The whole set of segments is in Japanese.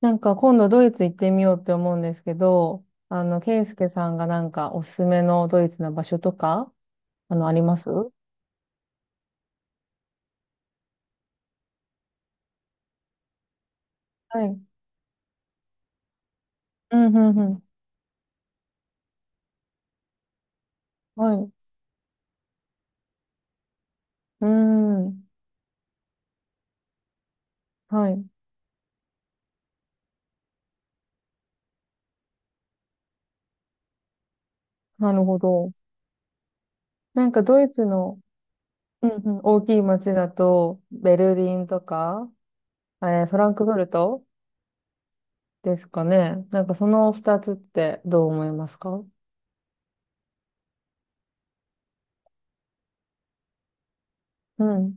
なんか今度ドイツ行ってみようって思うんですけど、ケイスケさんがなんかおすすめのドイツの場所とか、あります。はい。うん、うん、うん。はい。うーん。はい。なるほど。なんかドイツの、うん、うん、大きい街だと、ベルリンとか、フランクフルトですかね。なんかその二つってどう思いますか？うん。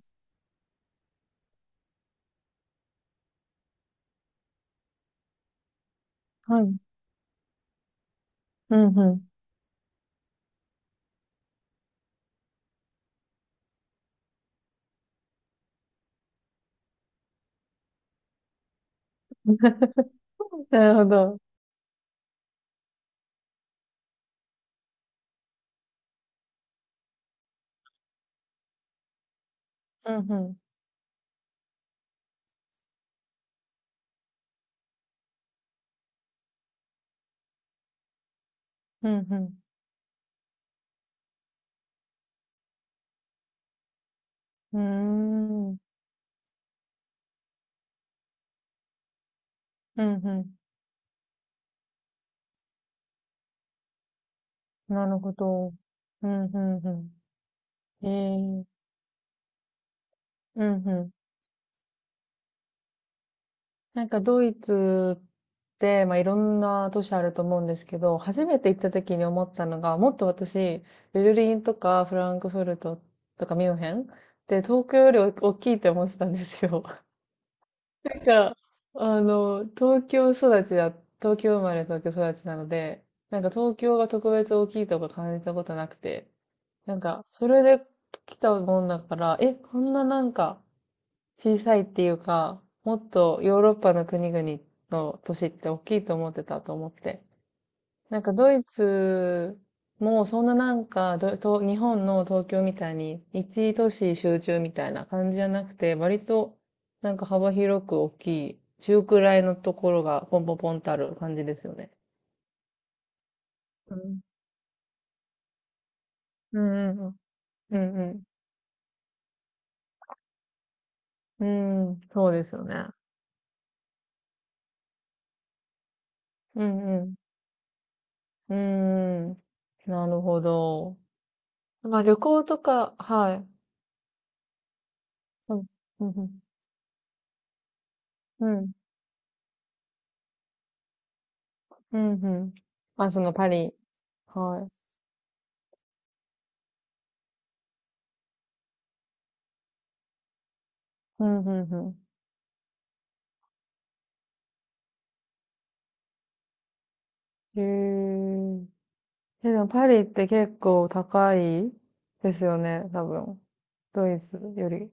はい。うん、うん。なるほど。うん、うん。うん、うん。うーん。うんうん。なるほど。うん、うん、うん。ええ、うん、うん。なんかドイツって、まあ、いろんな都市あると思うんですけど、初めて行った時に思ったのが、もっと私、ベルリンとかフランクフルトとかミュンヘンで、東京より大きいって思ってたんですよ。なんか、東京育ちだ、東京生まれ東京育ちなので、なんか東京が特別大きいとか感じたことなくて、なんか、それで来たもんだから、え、こんななんか、小さいっていうか、もっとヨーロッパの国々の都市って大きいと思ってたと思って。なんかドイツもそんななんかどと日本の東京みたいに一都市集中みたいな感じじゃなくて、割となんか幅広く大きい、中くらいのところがポンポンポンとある感じですよね。うん。うんうんうん。うんうん。そうですよね。うんうん。うん。なるほど。まあ旅行とか、はい。そう。うん、うん。うん、うん。あ、そのパリ。はい。うん、うん、うん。へえ。え、でもパリって結構高いですよね、多分。ドイツより、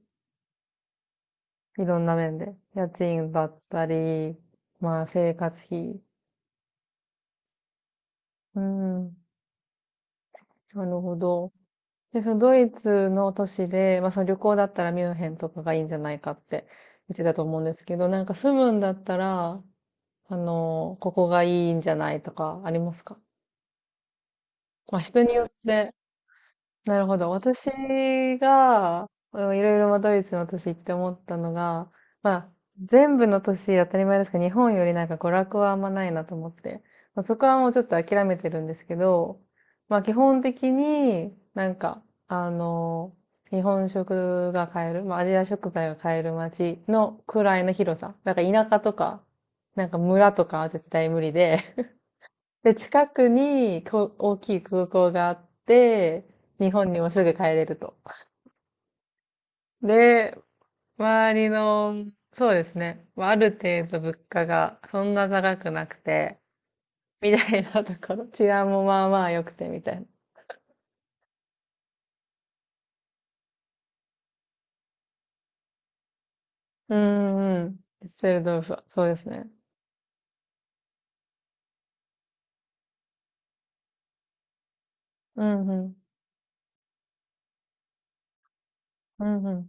いろんな面で。家賃だったり、まあ生活費。うん。なるほど。で、そのドイツの都市で、まあその旅行だったらミュンヘンとかがいいんじゃないかって言ってたと思うんですけど、なんか住むんだったら、ここがいいんじゃないとかありますか？まあ人によって。なるほど。私が、うんいろいろまあドイツの都市行って思ったのが、まあ、全部の都市当たり前ですが、日本よりなんか娯楽はあんまないなと思って、まあ、そこはもうちょっと諦めてるんですけど、まあ基本的になんか、日本食が買える、まあアジア食材が買える街のくらいの広さ。なんか田舎とか、なんか村とかは絶対無理で、で、近くに大きい空港があって、日本にもすぐ帰れると。で、周りの、そうですね。まあある程度物価がそんな高くなくて、みたいなところ。治安もまあまあ良くてみたいな。うんうん。デュッセルドルフは、そうですね。うんうん。うんう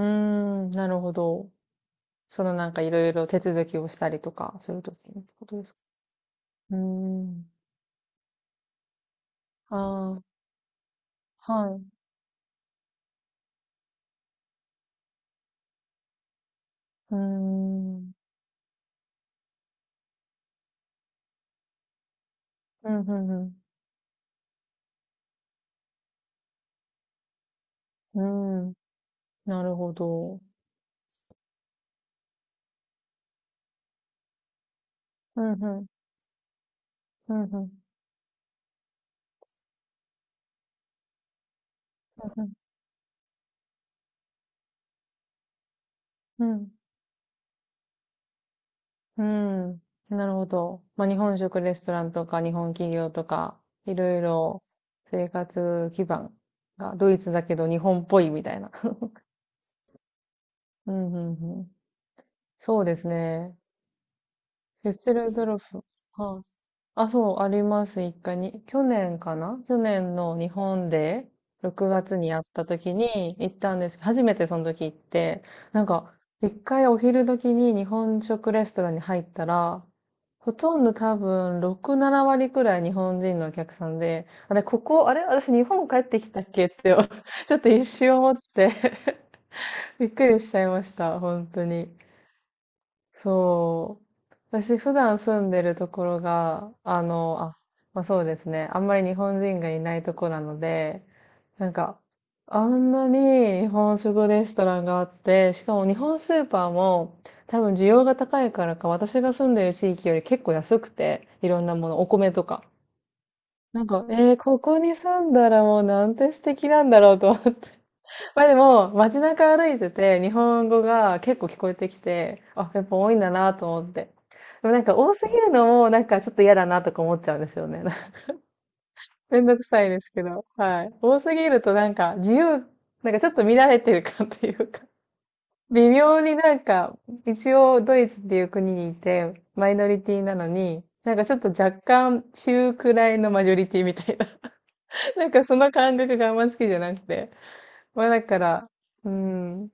ん。うーん、なるほど。そのなんかいろいろ手続きをしたりとか、そういう時のことですか。うーん。ああ、はい。うーん。うん、うんうん。うん。なるほど。うん、うん。うん、うん。うん、うん。うん。なるほど。まあ、日本食レストランとか、日本企業とか、いろいろ生活基盤がドイツだけど日本っぽいみたいな。うん、うん、うん。そうですね。フェッセルドルフ。はい。あ、そう、あります、一回に。去年かな去年の日本で、6月にやった時に行ったんです。初めてその時行って、なんか、一回お昼時に日本食レストランに入ったら、ほとんど多分6、7割くらい日本人のお客さんで、あれ、ここ、あれ、私日本帰ってきたっけって、ちょっと一瞬思って びっくりしちゃいました、本当に。そう。私普段住んでるところが、あ、まあそうですね。あんまり日本人がいないとこなので、なんか、あんなに日本食レストランがあって、しかも日本スーパーも多分需要が高いからか、私が住んでる地域より結構安くて、いろんなもの、お米とか。なんか、ここに住んだらもうなんて素敵なんだろうと思って。まあでも、街中歩いてて、日本語が結構聞こえてきて、あ、やっぱ多いんだなと思って。でもなんか多すぎるのも、なんかちょっと嫌だなとか思っちゃうんですよね。めんどくさいですけど。はい。多すぎるとなんか自由、なんかちょっと見られてる感というか、微妙になんか、一応ドイツっていう国にいて、マイノリティなのに、なんかちょっと若干中くらいのマジョリティみたいな。なんかその感覚があんま好きじゃなくて。まあだから、うん、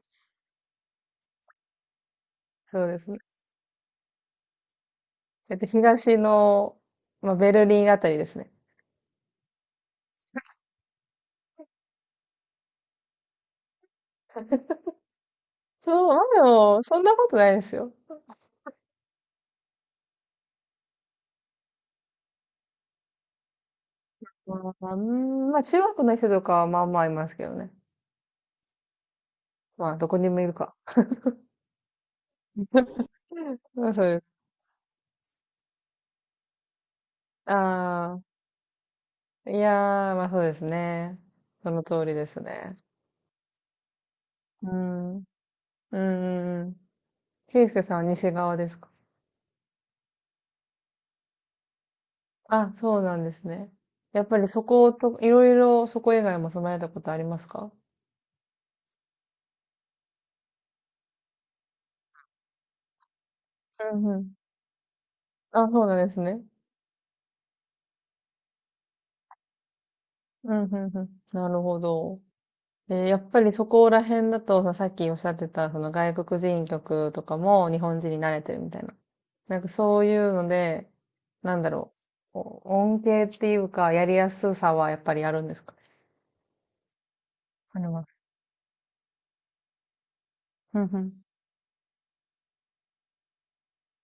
そうですね。東の、まあ、ベルリンあたりですね。そう、まあでも、そんなことないですよ。まあ、うんまあ、中学の人とかはまあまあいますけどね。まあ、どこにもいるか。まあ、そうです。ああ、いやー、まあそうですね。その通りですね。うん。うんうんうん。ケイスケさんは西側ですか？あ、そうなんですね。やっぱりそこと、いろいろそこ以外も住まれたことありますか？うんうん。あ、そうなんですね。うんうんうん。なるほど。やっぱりそこら辺だと、さっきおっしゃってた、その外国人曲とかも日本人に慣れてるみたいな。なんかそういうので、なんだろう、こう恩恵っていうか、やりやすさはやっぱりあるんですか？あります。うんうん。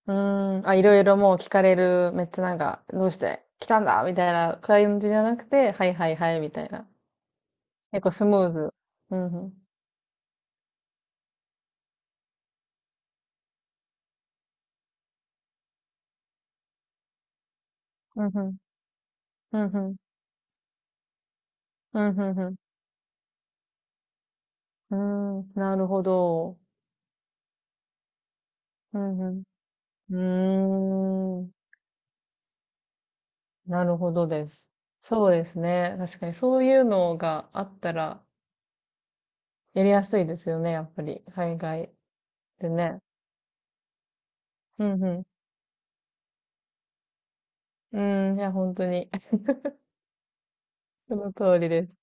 うーん、あ、いろいろもう聞かれる、めっちゃなんか、どうして来たんだみたいな感じじゃなくて、はいはいはい、みたいな。結構スムーズ。うんうん。うんうん。うんうん。うんうんうん。うーん、なるほど。うんうん。うーん。なるほどです。そうですね。確かにそういうのがあったらやりやすいですよね、やっぱり。海外でね。うんうん。うん、いや、本当に その通りです。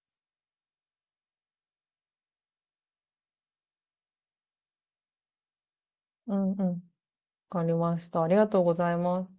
うんうん。わかりました。ありがとうございます。